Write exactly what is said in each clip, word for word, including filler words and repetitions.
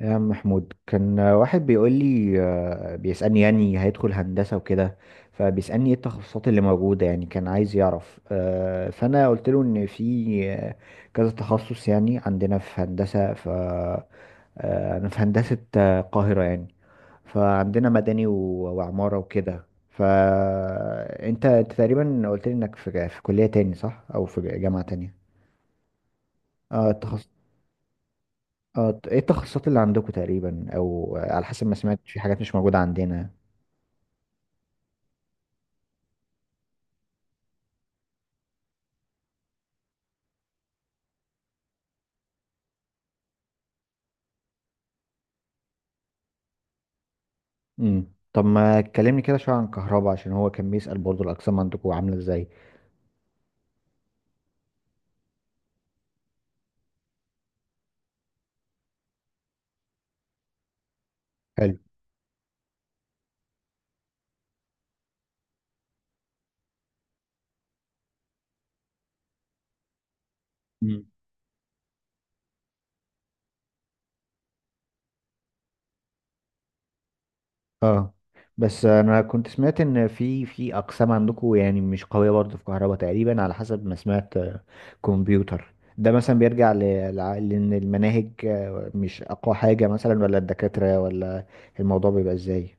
يا عم محمود، كان واحد بيقول لي، آه، بيسألني يعني هيدخل هندسة وكده. فبيسألني ايه التخصصات اللي موجودة؟ يعني كان عايز يعرف. آه، فأنا قلت له إن في آه، كذا تخصص، يعني عندنا في هندسة. ف آه، أنا في هندسة آه، القاهرة يعني. فعندنا مدني و- وعمارة وكده. فأنت تقريبا قلت لي إنك في في كلية تاني، صح؟ أو في جامعة تانية. اه اه. ط- ايه التخصصات اللي عندكم تقريبا؟ او آه، على حسب ما سمعت، في حاجات مش موجودة عندنا. امم طب ما تكلمني كده شوية عن كهرباء، عشان هو كان بيسأل برضو الأقسام عندكم عاملة ازاي. حلو. مم. اه، بس انا كنت سمعت ان في في اقسام عندكم يعني مش قويه برضه في كهرباء، تقريبا على حسب ما سمعت. آه، كمبيوتر ده مثلا بيرجع ل- لع- لان المناهج آه، مش اقوى حاجه مثلا، ولا الدكاتره، ولا الموضوع بيبقى ازاي؟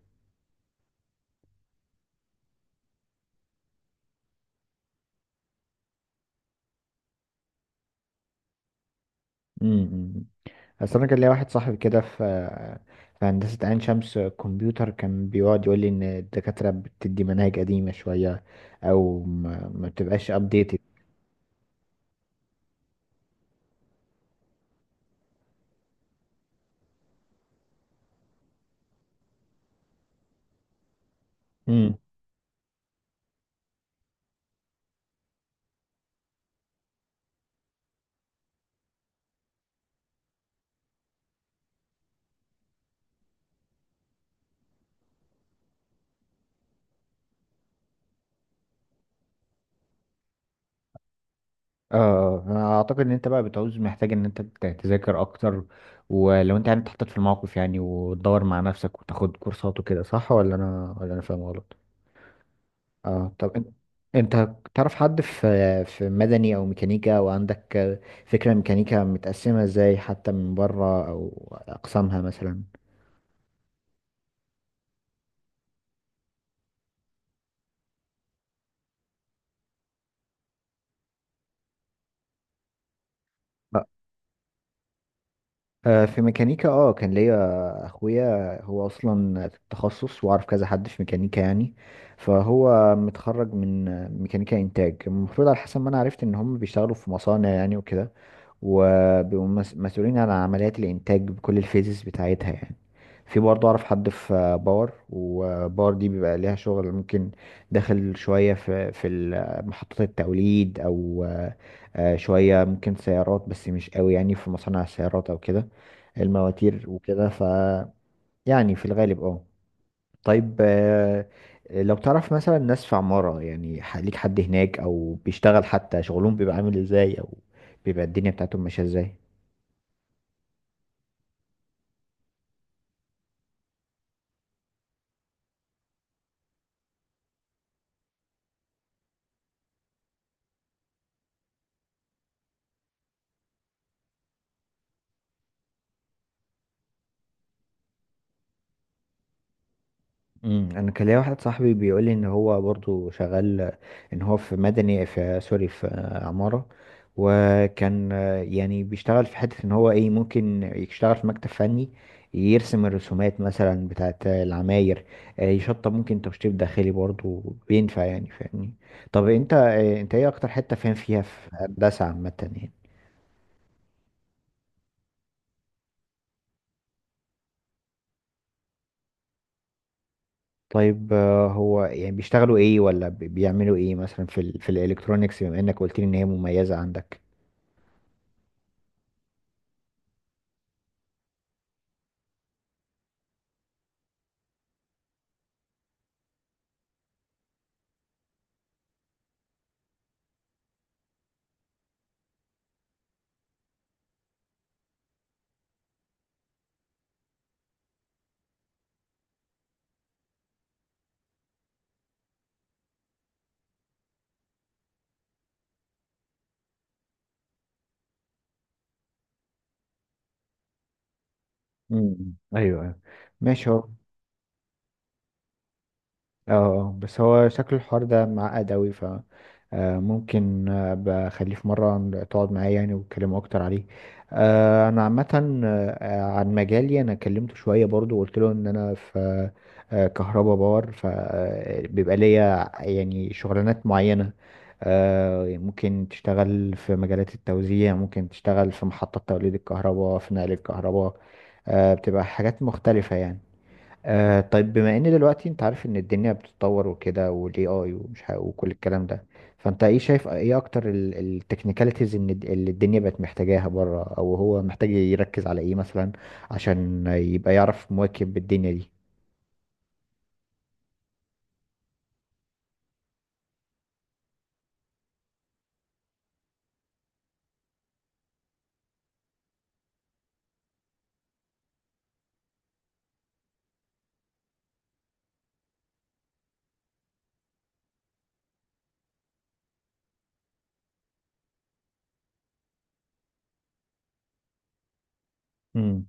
امم اصل انا كان ليا واحد صاحبي كده في في هندسه عين شمس كمبيوتر، كان بيقعد يقول لي ان الدكاتره بتدي مناهج قديمه شويه، او ما ما بتبقاش updated. امم اه، انا اعتقد ان انت بقى بتعوز محتاج ان انت ت- تذاكر اكتر، ولو انت يعني اتحطيت في الموقف، يعني وتدور مع نفسك وتاخد كورسات وكده، صح ولا انا ولا انا فاهم غلط؟ اه، طب انت انت تعرف حد في في مدني او ميكانيكا، وعندك فكرة ميكانيكا متقسمة ازاي حتى من بره، او اقسامها مثلا؟ لا. آه، في ميكانيكا اه كان ليا اخويا، هو اصلا في التخصص، واعرف كذا حد في ميكانيكا يعني. فهو متخرج من ميكانيكا انتاج، المفروض على حسب ما انا عرفت ان هم بيشتغلوا في مصانع يعني وكده، وبيبقوا مس- مسؤولين عن عمليات الانتاج بكل الفيزز بتاعتها يعني. في برضه اعرف حد في باور، وباور دي بيبقى ليها شغل، ممكن داخل شوية في في ال- محطات التوليد، او آه، شوية ممكن سيارات، بس مش قوي يعني في مصانع السيارات او كده، المواتير وكده. ف يعني في الغالب. اه، طيب، آه، لو تعرف مثلا ناس في عمارة يعني، ح- ليك حد هناك، او بيشتغل؟ حتى شغلهم بيبقى عامل ازاي، او بيبقى الدنيا بتاعتهم ماشية ازاي؟ امم انا كان ليا واحد صاحبي بيقول لي ان هو برضو شغال، ان هو في مدني، في سوري، في عمارة. وكان آه، يعني بيشتغل في حتة، ان هو ايه، ممكن يشتغل في مكتب فني يرسم الرسومات مثلا بتاعت العماير. آه، يشطب، ممكن تشطيب داخلي برضو بينفع، يعني فاهمني؟ طب انت آه، انت ايه اكتر حتة فاهم فيها في هندسة عامة يعني؟ طيب، آه، هو يعني بيشتغلوا ايه، ولا بي- بيعملوا ايه مثلا في ال في الالكترونيكس، بما انك قلت لي ان هي مميزة عندك؟ امم ايوه، أيوة. ماشي هو. اه، آه، بس هو شكل الحوار ده معقد اوي. ف آه، ممكن آه، بخليه في مرة تقعد معايا، يعني وتكلموا أكتر عليه. آه، أنا عامة آه، عن مجالي، أنا كلمته شوية برضو، وقلت له إن أنا في كهرباء باور، فبيبقى ليا يعني شغلانات معينة. آه، ممكن تشتغل في مجالات التوزيع، ممكن تشتغل في محطات توليد الكهرباء، في نقل الكهرباء. آه، بتبقى حاجات مختلفة يعني. آه، طيب، بما ان دلوقتي انت عارف ان الدنيا بتتطور وكده، والاي اي، ومش ه- وكل الكلام ده. فانت ايه شايف، ايه اكتر التكنيكاليتيز ان الد- اللي الدنيا بقت محتاجاها بره، او هو محتاج يركز على ايه مثلا، عشان يبقى يعرف مواكب الدنيا دي؟ امم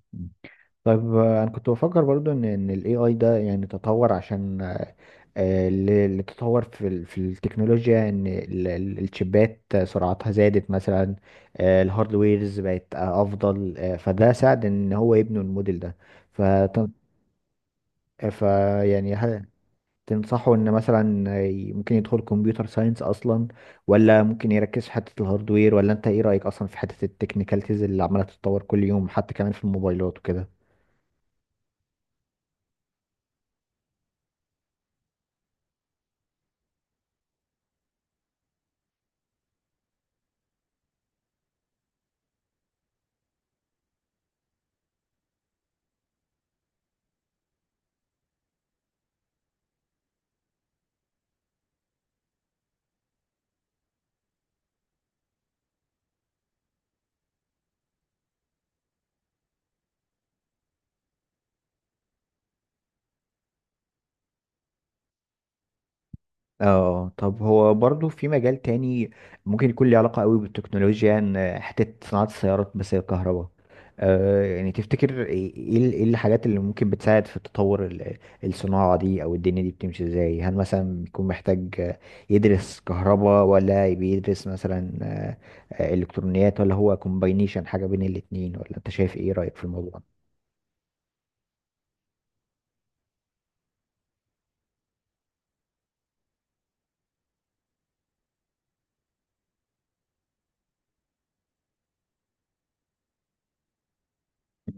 طيب، آه، انا كنت بفكر برضو ان ان الاي اي ده يعني تطور، عشان آه، آه، اللي اللي تطور في ال- في التكنولوجيا، ان ال- ال- الشيبات سرعتها زادت مثلا. آه، الهاردويرز بقت آه، افضل. آه، فده ساعد ان هو يبنوا الموديل ده. ف ف يعني، هل تنصحوا ان مثلا ي- ممكن يدخل كمبيوتر ساينس اصلا، ولا ممكن يركز في حتة الهاردوير؟ ولا انت ايه رأيك اصلا في حتة التكنيكاليتيز اللي عمالة تتطور كل يوم، حتى كمان في الموبايلات وكده؟ اه، طب هو برضو في مجال تاني، ممكن يكون ليه علاقة قوي بالتكنولوجيا، ان حتة صناعة السيارات، بس هي الكهرباء. آه، يعني تفتكر ايه، ايه إيه الحاجات اللي ممكن بتساعد في تطور ال- الصناعة دي، او الدنيا دي بتمشي ازاي؟ هل مثلا بيكون محتاج يدرس كهرباء، ولا بيدرس مثلا آه، آه، الكترونيات، ولا هو كومباينيشن حاجة بين الاتنين؟ ولا انت شايف ايه رأيك في الموضوع؟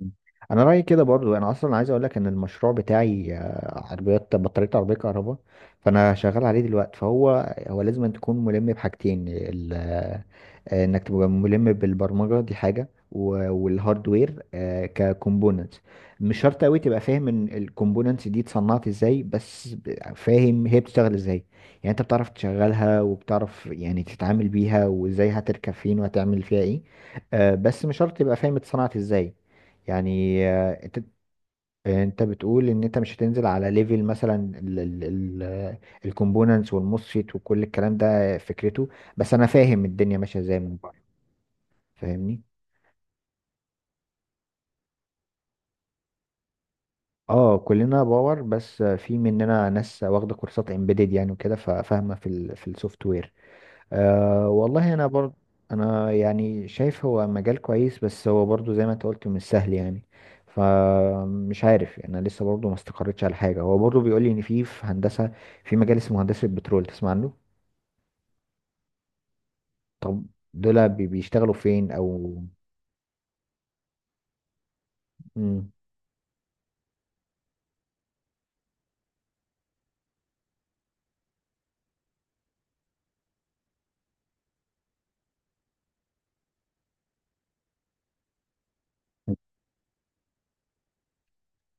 مم. انا رايي كده، برضو انا اصلا عايز اقول لك ان المشروع بتاعي آه، عربيات بطاريه، عربيه كهرباء، فانا شغال عليه دلوقتي. فهو هو لازم أن تكون ملم بحاجتين، ال- آه، انك تبقى ملم بالبرمجه، دي حاجه، و- والهاردوير ككومبوننتس. مش شرط قوي تبقى فاهم ان الكومبوننتس دي اتصنعت ازاي، بس ب- فاهم هي بتشتغل ازاي. يعني انت بتعرف تشغلها، وبتعرف يعني تتعامل بيها، وازاي هتركب فين، وهتعمل فيها ايه. آه، بس مش شرط تبقى فاهم اتصنعت ازاي. يعني آه، انت انت بتقول ان انت مش هتنزل على ليفل مثلا الكومبوننتس والموسفيت وكل الكلام ده، آه، فكرته. بس انا فاهم الدنيا ماشيه ازاي من بره، فاهمني؟ اه، كلنا باور، بس في مننا ناس واخده كورسات امبيدد يعني وكده، ففاهمه في ال في السوفت وير. أه، والله انا برضه، انا يعني شايف هو مجال كويس، بس هو برضه زي ما انت قلت مش سهل يعني، فمش عارف يعني، انا لسه برضه ما استقريتش على حاجه. هو برضه بيقول لي ان في في هندسه، في مجال اسمه هندسه بترول، تسمع عنه؟ طب دول بي- بيشتغلوا فين او؟ مم.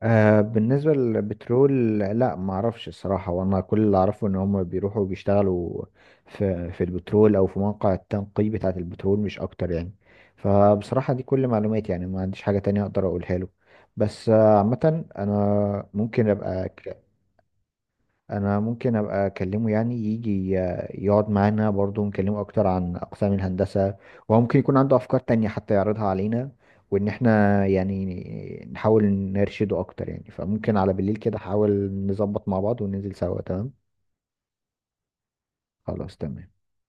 آه بالنسبة للبترول، لا، ما اعرفش الصراحة. وانا كل اللي اعرفه ان هم بيروحوا بيشتغلوا في في البترول، او في مواقع التنقي بتاعة البترول، مش اكتر يعني. فبصراحة دي كل معلوماتي، يعني ما عنديش حاجة تانية اقدر اقولها له. بس آه، عامة انا ممكن ابقى، انا ممكن ابقى اكلمه، يعني يجي يقعد معانا برضو، نكلمه اكتر عن اقسام الهندسة، وهو ممكن يكون عنده افكار تانية حتى يعرضها علينا، وان احنا يعني نحاول نرشده اكتر يعني. فممكن على بالليل كده احاول نظبط مع بعض وننزل سوا. تمام. خلاص، تمام.